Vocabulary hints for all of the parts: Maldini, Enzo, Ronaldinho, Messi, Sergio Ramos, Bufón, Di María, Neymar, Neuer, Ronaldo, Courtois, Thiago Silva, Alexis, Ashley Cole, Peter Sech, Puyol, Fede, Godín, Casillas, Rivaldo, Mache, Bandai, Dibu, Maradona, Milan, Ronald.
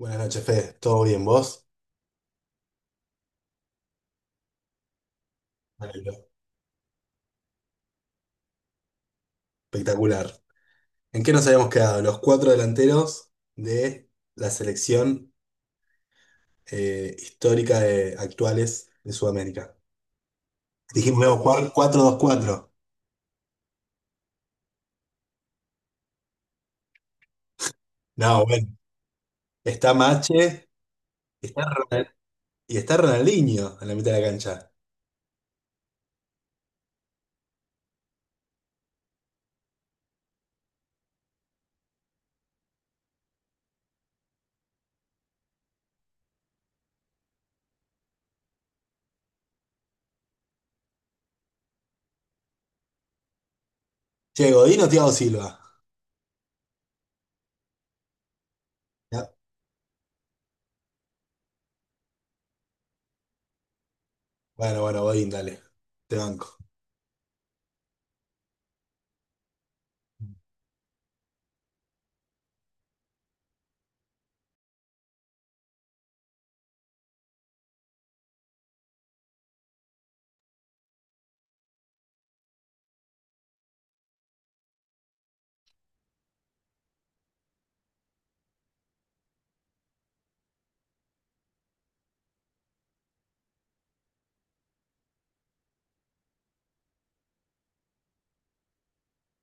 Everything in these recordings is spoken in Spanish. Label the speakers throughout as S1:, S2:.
S1: Buenas noches, Fede. ¿Todo bien vos? Me alegro. Espectacular. ¿En qué nos habíamos quedado? Los cuatro delanteros de la selección histórica de actuales de Sudamérica. Dijimos, luego cuatro dos cuatro. Dos-cuatro. No, bueno. Está Mache, está Ronald- y está Ronaldinho en la mitad de la cancha. Che, Godín o Thiago Silva. Ya. Bueno, bueno, Godín, dale. Te banco.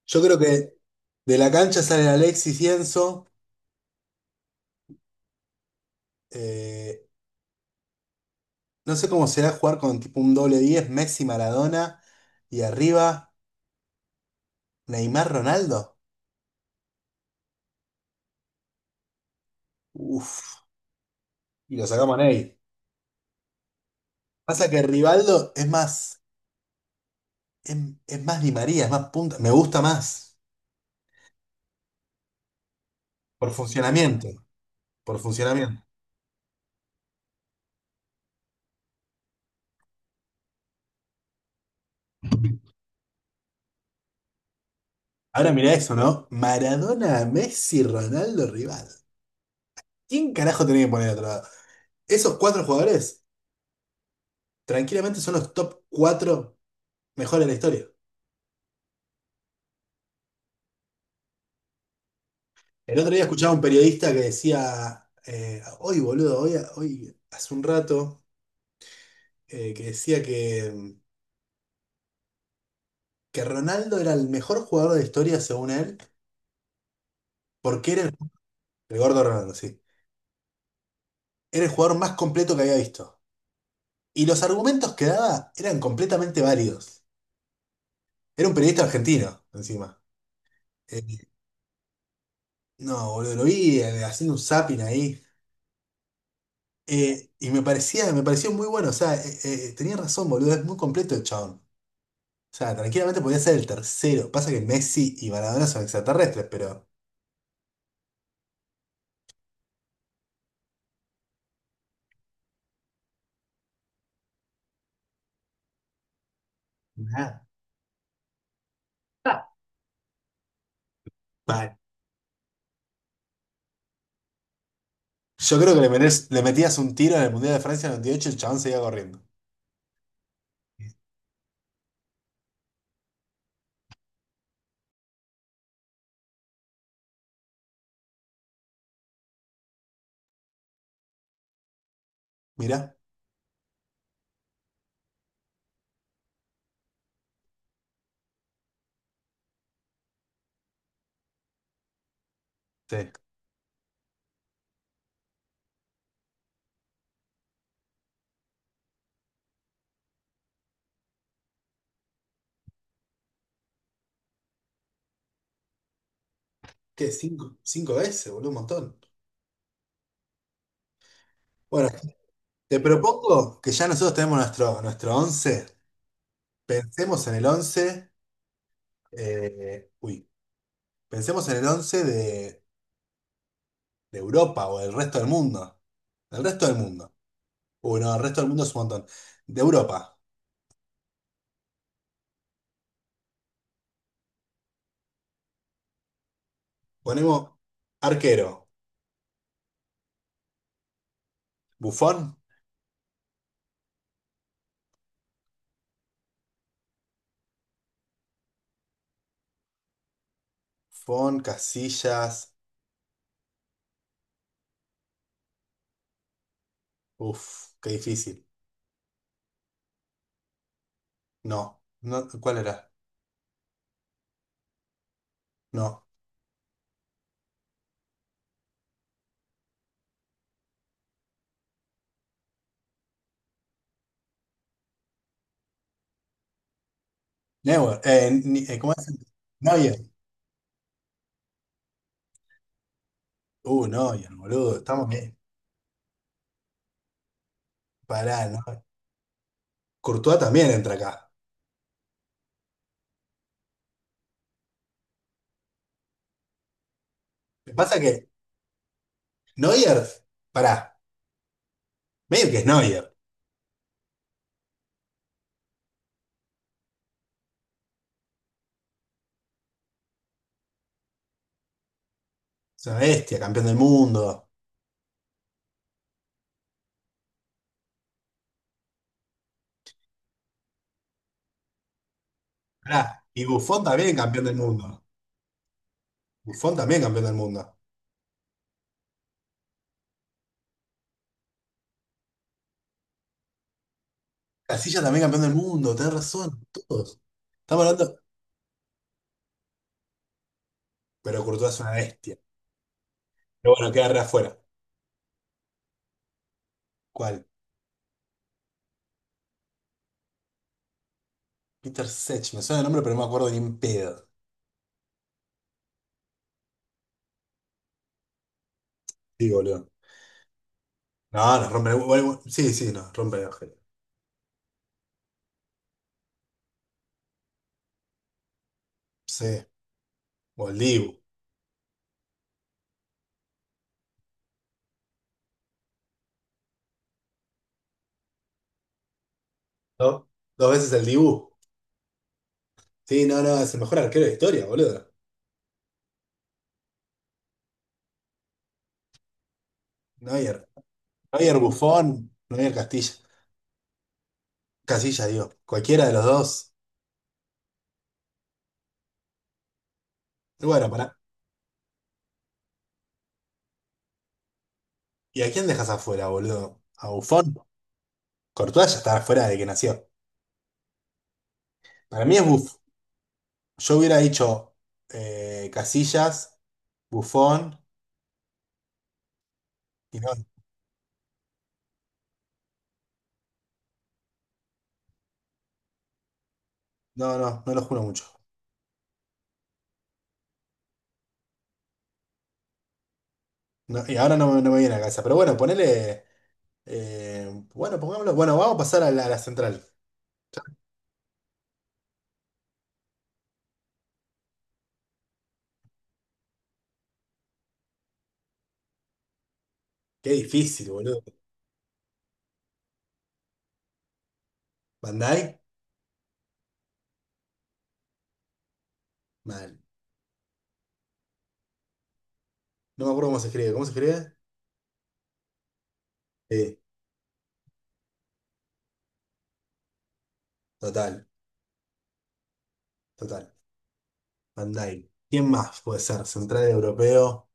S1: Yo creo que de la cancha salen Alexis y Enzo. Eh, No sé cómo será jugar con tipo un doble 10 Messi, Maradona y arriba Neymar, Ronaldo. Uf, y lo sacamos a Ney. Pasa que Rivaldo es, es más Di María, es más punta, me gusta más por funcionamiento, por funcionamiento. Ahora mira eso, ¿no? Maradona, Messi, Ronaldo, Rivaldo. ¿Quién carajo tenía que poner a otro lado? Esos cuatro jugadores tranquilamente son los top cuatro mejores de la historia. El otro día escuchaba a un periodista que decía, hoy boludo, hoy hace un rato, que decía que Ronaldo era el mejor jugador de la historia, según él, porque era el gordo Ronaldo, sí. Era el jugador más completo que había visto. Y los argumentos que daba eran completamente válidos. Era un periodista argentino, encima. Eh, no, boludo, lo vi haciendo un zapping ahí. Y me parecía, me pareció muy bueno. O sea, tenía razón, boludo, es muy completo el chabón. O sea, tranquilamente podía ser el tercero. Pasa que Messi y Maradona son extraterrestres, pero nada. Ah, vale. Yo creo que le metías un tiro en el Mundial de Francia en el 98 y el chabón seguía corriendo. Mirá. Sí. ¿Qué? Cinco, cinco veces, boludo, un montón. Bueno, te propongo que ya nosotros tenemos nuestro, once. Pensemos en el 11 uy, pensemos en el 11 de Europa o del resto del mundo. Del resto del mundo. Uy, no, el resto del mundo es un montón. De Europa. Ponemos arquero. Bufón. Bufón, Casillas. Uf, qué difícil. No. No, ¿cuál era? No. Neuer. ¿Cómo es? Neuer. Neuer, boludo. Estamos bien. Pará, ¿no? Courtois también entra acá. Lo que pasa es que Neuer, pará, medio que es Neuer. Es una bestia, campeón del mundo. Pará. Y Buffon también campeón del mundo. Buffon también campeón del mundo. Casillas también campeón del mundo. Tenés razón. Todos. Estamos hablando. Pero Courtois es una bestia. Pero bueno, queda re afuera. ¿Cuál? Peter Sech, me suena el nombre, pero no me acuerdo ni en pedo. Sí, boludo. No, nos rompe. Bueno, sí, sí, nos rompe el ojete. Sí. O el Dibu. ¿No? Dos veces el Dibu. Sí, no, no, es el mejor arquero de historia, boludo. Neuer. Neuer Buffon, Neuer Castilla. Castilla, digo. Cualquiera de los dos. Y bueno, pará. ¿Y a quién dejas afuera, boludo? ¿A Buffon? Courtois ya está afuera de que nació. Para mí es Buff. Yo hubiera dicho Casillas, Buffon y no. No, no, no lo juro mucho. No, y ahora no, me no me viene a la cabeza. Pero bueno, ponele. Bueno, pongámoslo. Bueno, vamos a pasar a la, central. Qué difícil, boludo. Bandai, mal. No me acuerdo cómo se escribe. ¿Cómo se escribe? Sí, total, total. Bandai. ¿Quién más puede ser? Central europeo.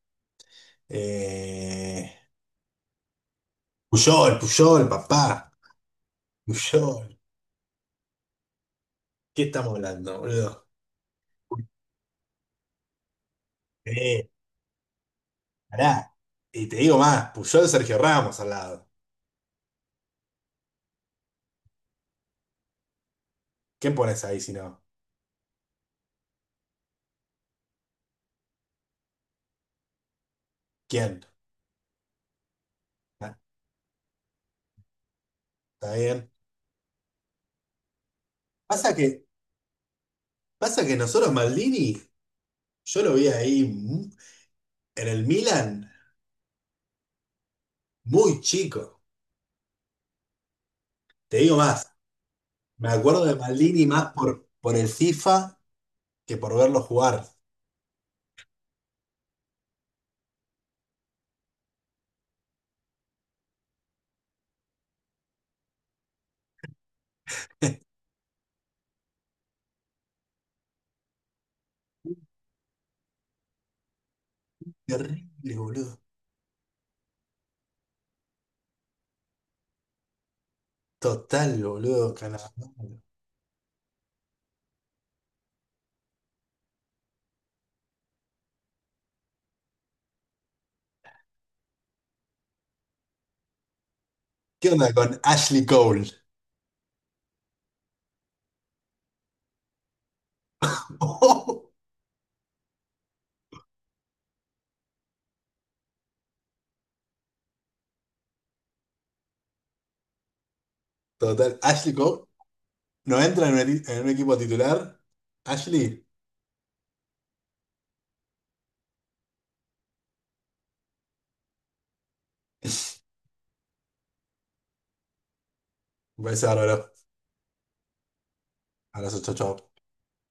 S1: Eh, Puyol, Puyol, papá. Puyol. ¿Qué estamos hablando, boludo? Eh, pará. Y te digo más, Puyol, Sergio Ramos al lado. ¿Quién pones ahí si no? ¿Quién? Ah, ¿está bien? Pasa que, pasa que nosotros Maldini, yo lo vi ahí en el Milan muy chico. Te digo más, me acuerdo de Maldini más por, el FIFA que por verlo jugar. Terrible, boludo. Total, boludo. Calamardo. ¿Qué onda con Ashley Cole? Total, Ashley Cole no entra en en un equipo titular. Ashley, un beso bárbaro. Abrazo, chau, chau.